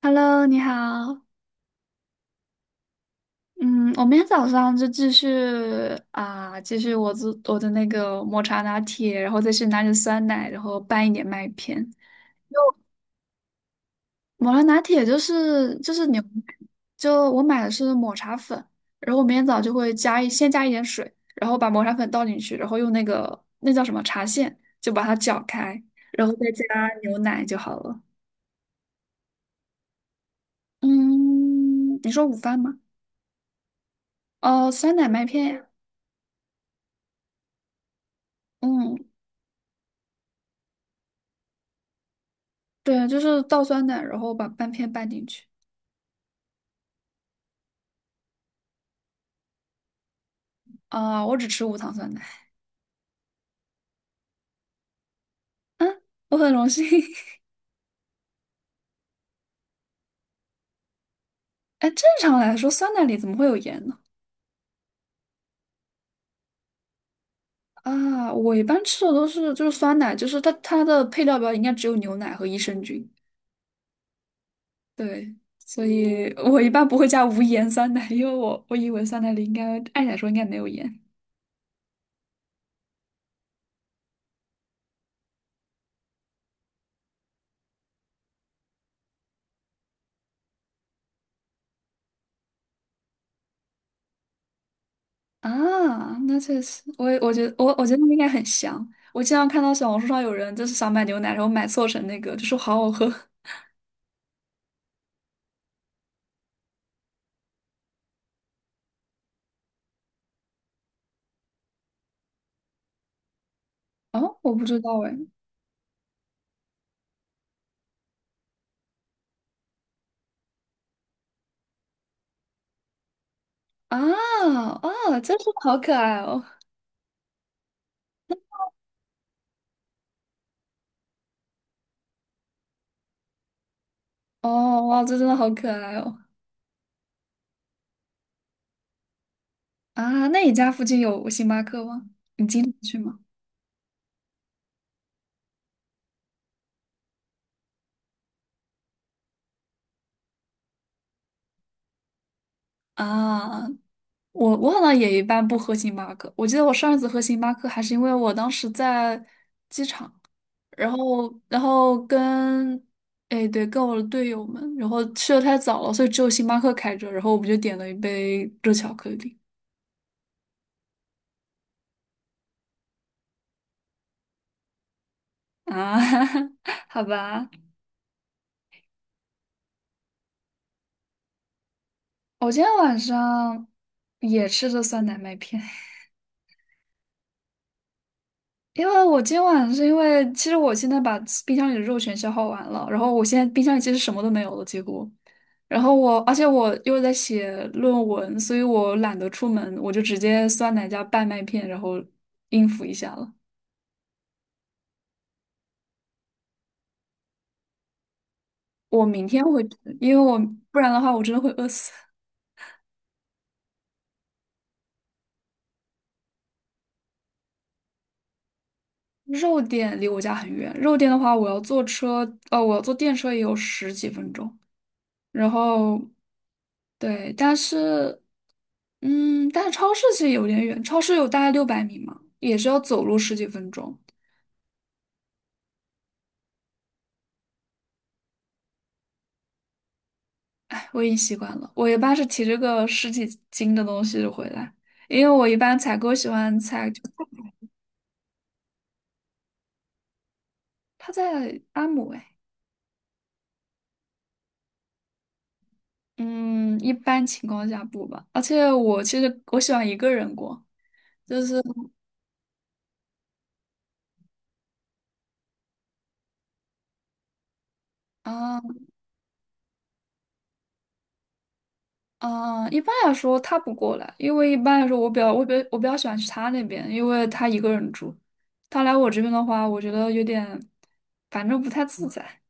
Hello，你好。嗯，我明天早上就继续我做我的那个抹茶拿铁，然后再去拿点酸奶，然后拌一点麦片。抹茶拿铁就是牛奶，就我买的是抹茶粉，然后我明天早就会先加一点水，然后把抹茶粉倒进去，然后用那个叫什么茶线就把它搅开，然后再加牛奶就好了。嗯，你说午饭吗？哦，酸奶麦片呀。嗯。对，就是倒酸奶，然后把半片拌进去。啊，我只吃无糖酸奶，我很荣幸。哎，正常来说，酸奶里怎么会有盐呢？啊，我一般吃的都是就是酸奶，就是它的配料表应该只有牛奶和益生菌。对，所以我一般不会加无盐酸奶，因为我以为酸奶里应该按理来说应该没有盐啊。那确实，我觉得我觉得那应该很香。我经常看到小红书上有人就是想买牛奶，然后买错成那个，就说好好喝。哦，我不知道哎。啊哦，真是好可爱哦！哦哇，这真的好可爱哦！啊，那你家附近有星巴克吗？你经常去吗？啊，我好像也一般不喝星巴克。我记得我上一次喝星巴克还是因为我当时在，然后跟，哎对，跟我的队友们，然后去的太早了，所以只有星巴克开着，然后我们就点了一杯热巧克力。啊，好吧，我今天晚上也吃着酸奶麦片。因为我今晚是因为，其实我现在把冰箱里的肉全消耗完了，然后我现在冰箱里其实什么都没有了，几乎。然后我，而且我又在写论文，所以我懒得出门，我就直接酸奶加拌麦片，然后应付一下了。我明天会吃因为我不然的话，我真的会饿死。肉店离我家很远，肉店的话，我要坐车，我要坐电车也有十几分钟。然后对，但是嗯，但是超市其实有点远，超市有大概600米嘛，也是要走路十几分钟。哎，我已经习惯了，我一般是提着个十几斤的东西回来，因为我一般采购喜欢采，他在阿姆哎，嗯，一般情况下不吧，而且我其实喜欢一个人过，就是啊啊，一般来说他不过来，因为一般来说我比较喜欢去他那边，因为他一个人住，他来我这边的话，我觉得有点，反正不太自在。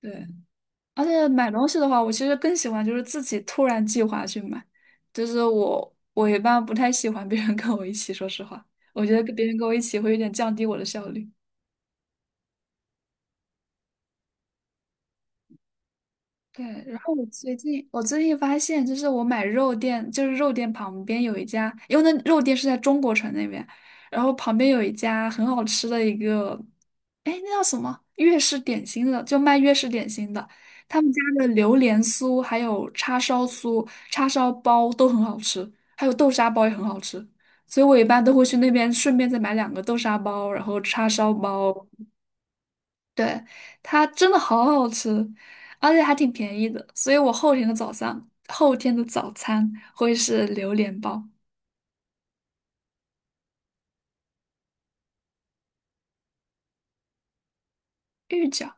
对，而且买东西的话，我其实更喜欢就是自己突然计划去买，就是我一般不太喜欢别人跟我一起，说实话，我觉得跟别人跟我一起会有点降低我的效率。对，然后我最近发现，就是我买肉店，就是肉店旁边有一家，因为那肉店是在中国城那边，然后旁边有一家很好吃的一个，哎，那叫什么粤式点心的，就卖粤式点心的，他们家的榴莲酥还有叉烧酥、叉烧包都很好吃，还有豆沙包也很好吃，所以我一般都会去那边顺便再买两个豆沙包，然后叉烧包。对，它真的好好吃，而且还挺便宜的，所以我后天的早上，后天的早餐会是榴莲包、芋饺。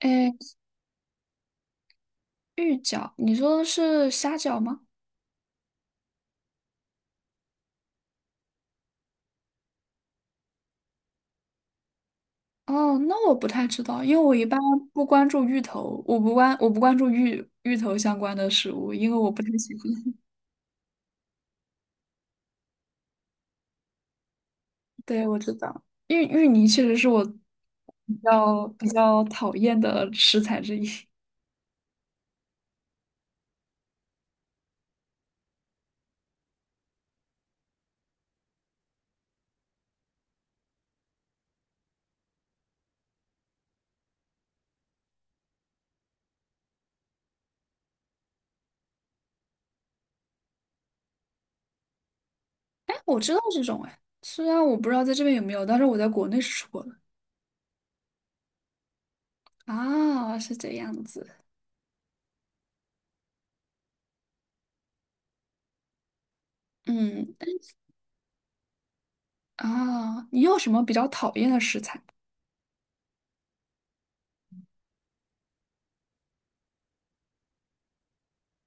哎，芋饺，你说的是虾饺吗？哦，那我不太知道，因为我一般不关注芋头，我不关注芋头相关的食物，因为我不太喜欢。对，我知道，芋泥确实是我比较讨厌的食材之一。哎，我知道这种哎，虽然我不知道在这边有没有，但是我在国内是吃过的。啊，是这样子。嗯，啊，你有什么比较讨厌的食材？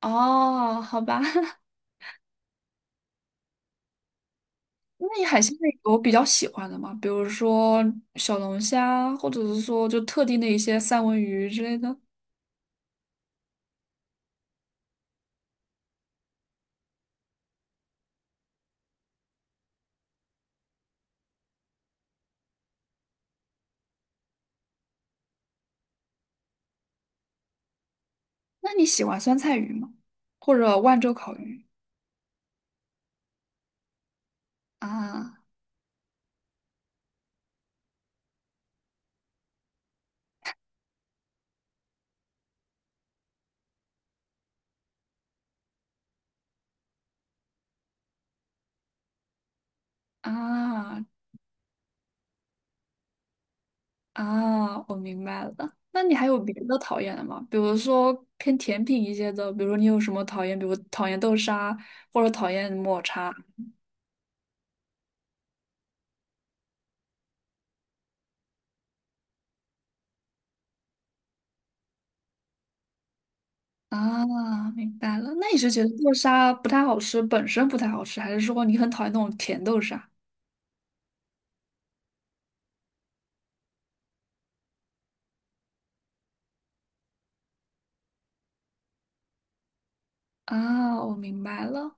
哦，好吧，那你海鲜类有比较喜欢的吗？比如说小龙虾，或者是说就特定的一些三文鱼之类的。那你喜欢酸菜鱼吗？或者万州烤鱼？啊啊，啊，我明白了。那你还有别的讨厌的吗？比如说偏甜品一些的，比如说你有什么讨厌，比如讨厌豆沙或者讨厌抹茶啊，明白了。那你是觉得豆沙不太好吃，本身不太好吃，还是说你很讨厌那种甜豆沙啊？我明白了。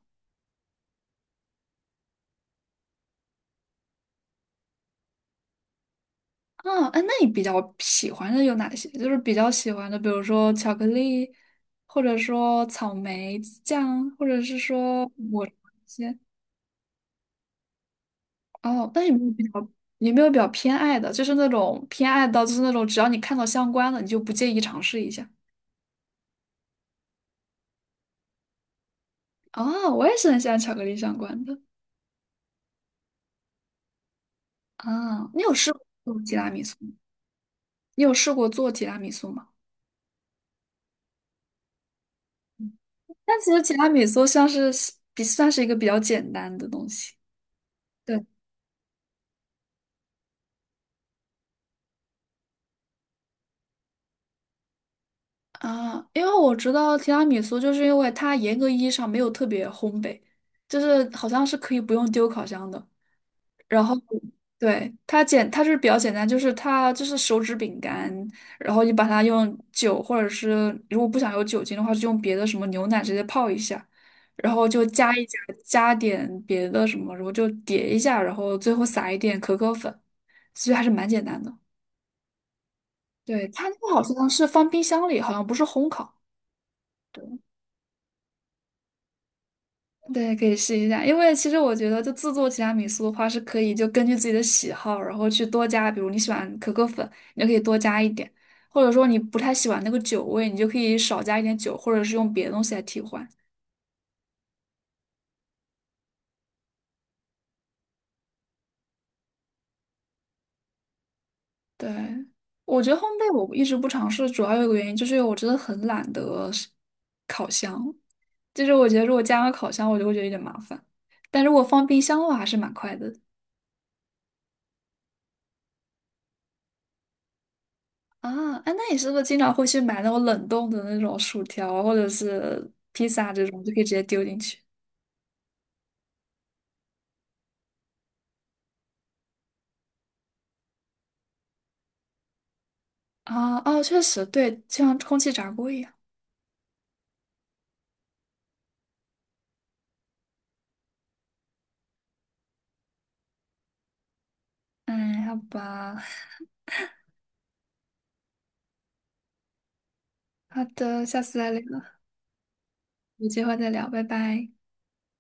啊，哎，那你比较喜欢的有哪些？就是比较喜欢的，比如说巧克力，或者说草莓酱，或者是说抹些。哦，那有没有比较有没有比较偏爱的？就是那种偏爱到就是那种只要你看到相关的，你就不介意尝试一下。哦，我也是很喜欢巧克力相关的。啊，你有试过做提拉米苏吗？你有试过做提拉米苏吗？但其实提拉米苏像是比算是一个比较简单的东西。对啊，因为我知道提拉米苏，就是因为它严格意义上没有特别烘焙，就是好像是可以不用丢烤箱的。然后它是比较简单，就是它就是手指饼干，然后你把它用酒或者是如果不想有酒精的话，就用别的什么牛奶直接泡一下，然后就加一加加点别的什么，然后就叠一下，然后最后撒一点可可粉，其实还是蛮简单的。对，它那个好像是放冰箱里，好像不是烘烤。对，可以试一下，因为其实我觉得，就自助提拉米苏的话，是可以就根据自己的喜好，然后去多加，比如你喜欢可可粉，你就可以多加一点；或者说你不太喜欢那个酒味，你就可以少加一点酒，或者是用别的东西来替换。对，我觉得烘焙我一直不尝试，主要有一个原因就是因为我真的很懒得是烤箱，就是我觉得如果加个烤箱，我就会觉得有点麻烦，但如果放冰箱的话，还是蛮快的。啊，哎，那你是不是经常会去买那种冷冻的那种薯条啊或者是披萨这种，就可以直接丢进去？啊，哦，确实，对，就像空气炸锅一样。哎，好吧，好的，下次再聊，有机会再聊，拜拜。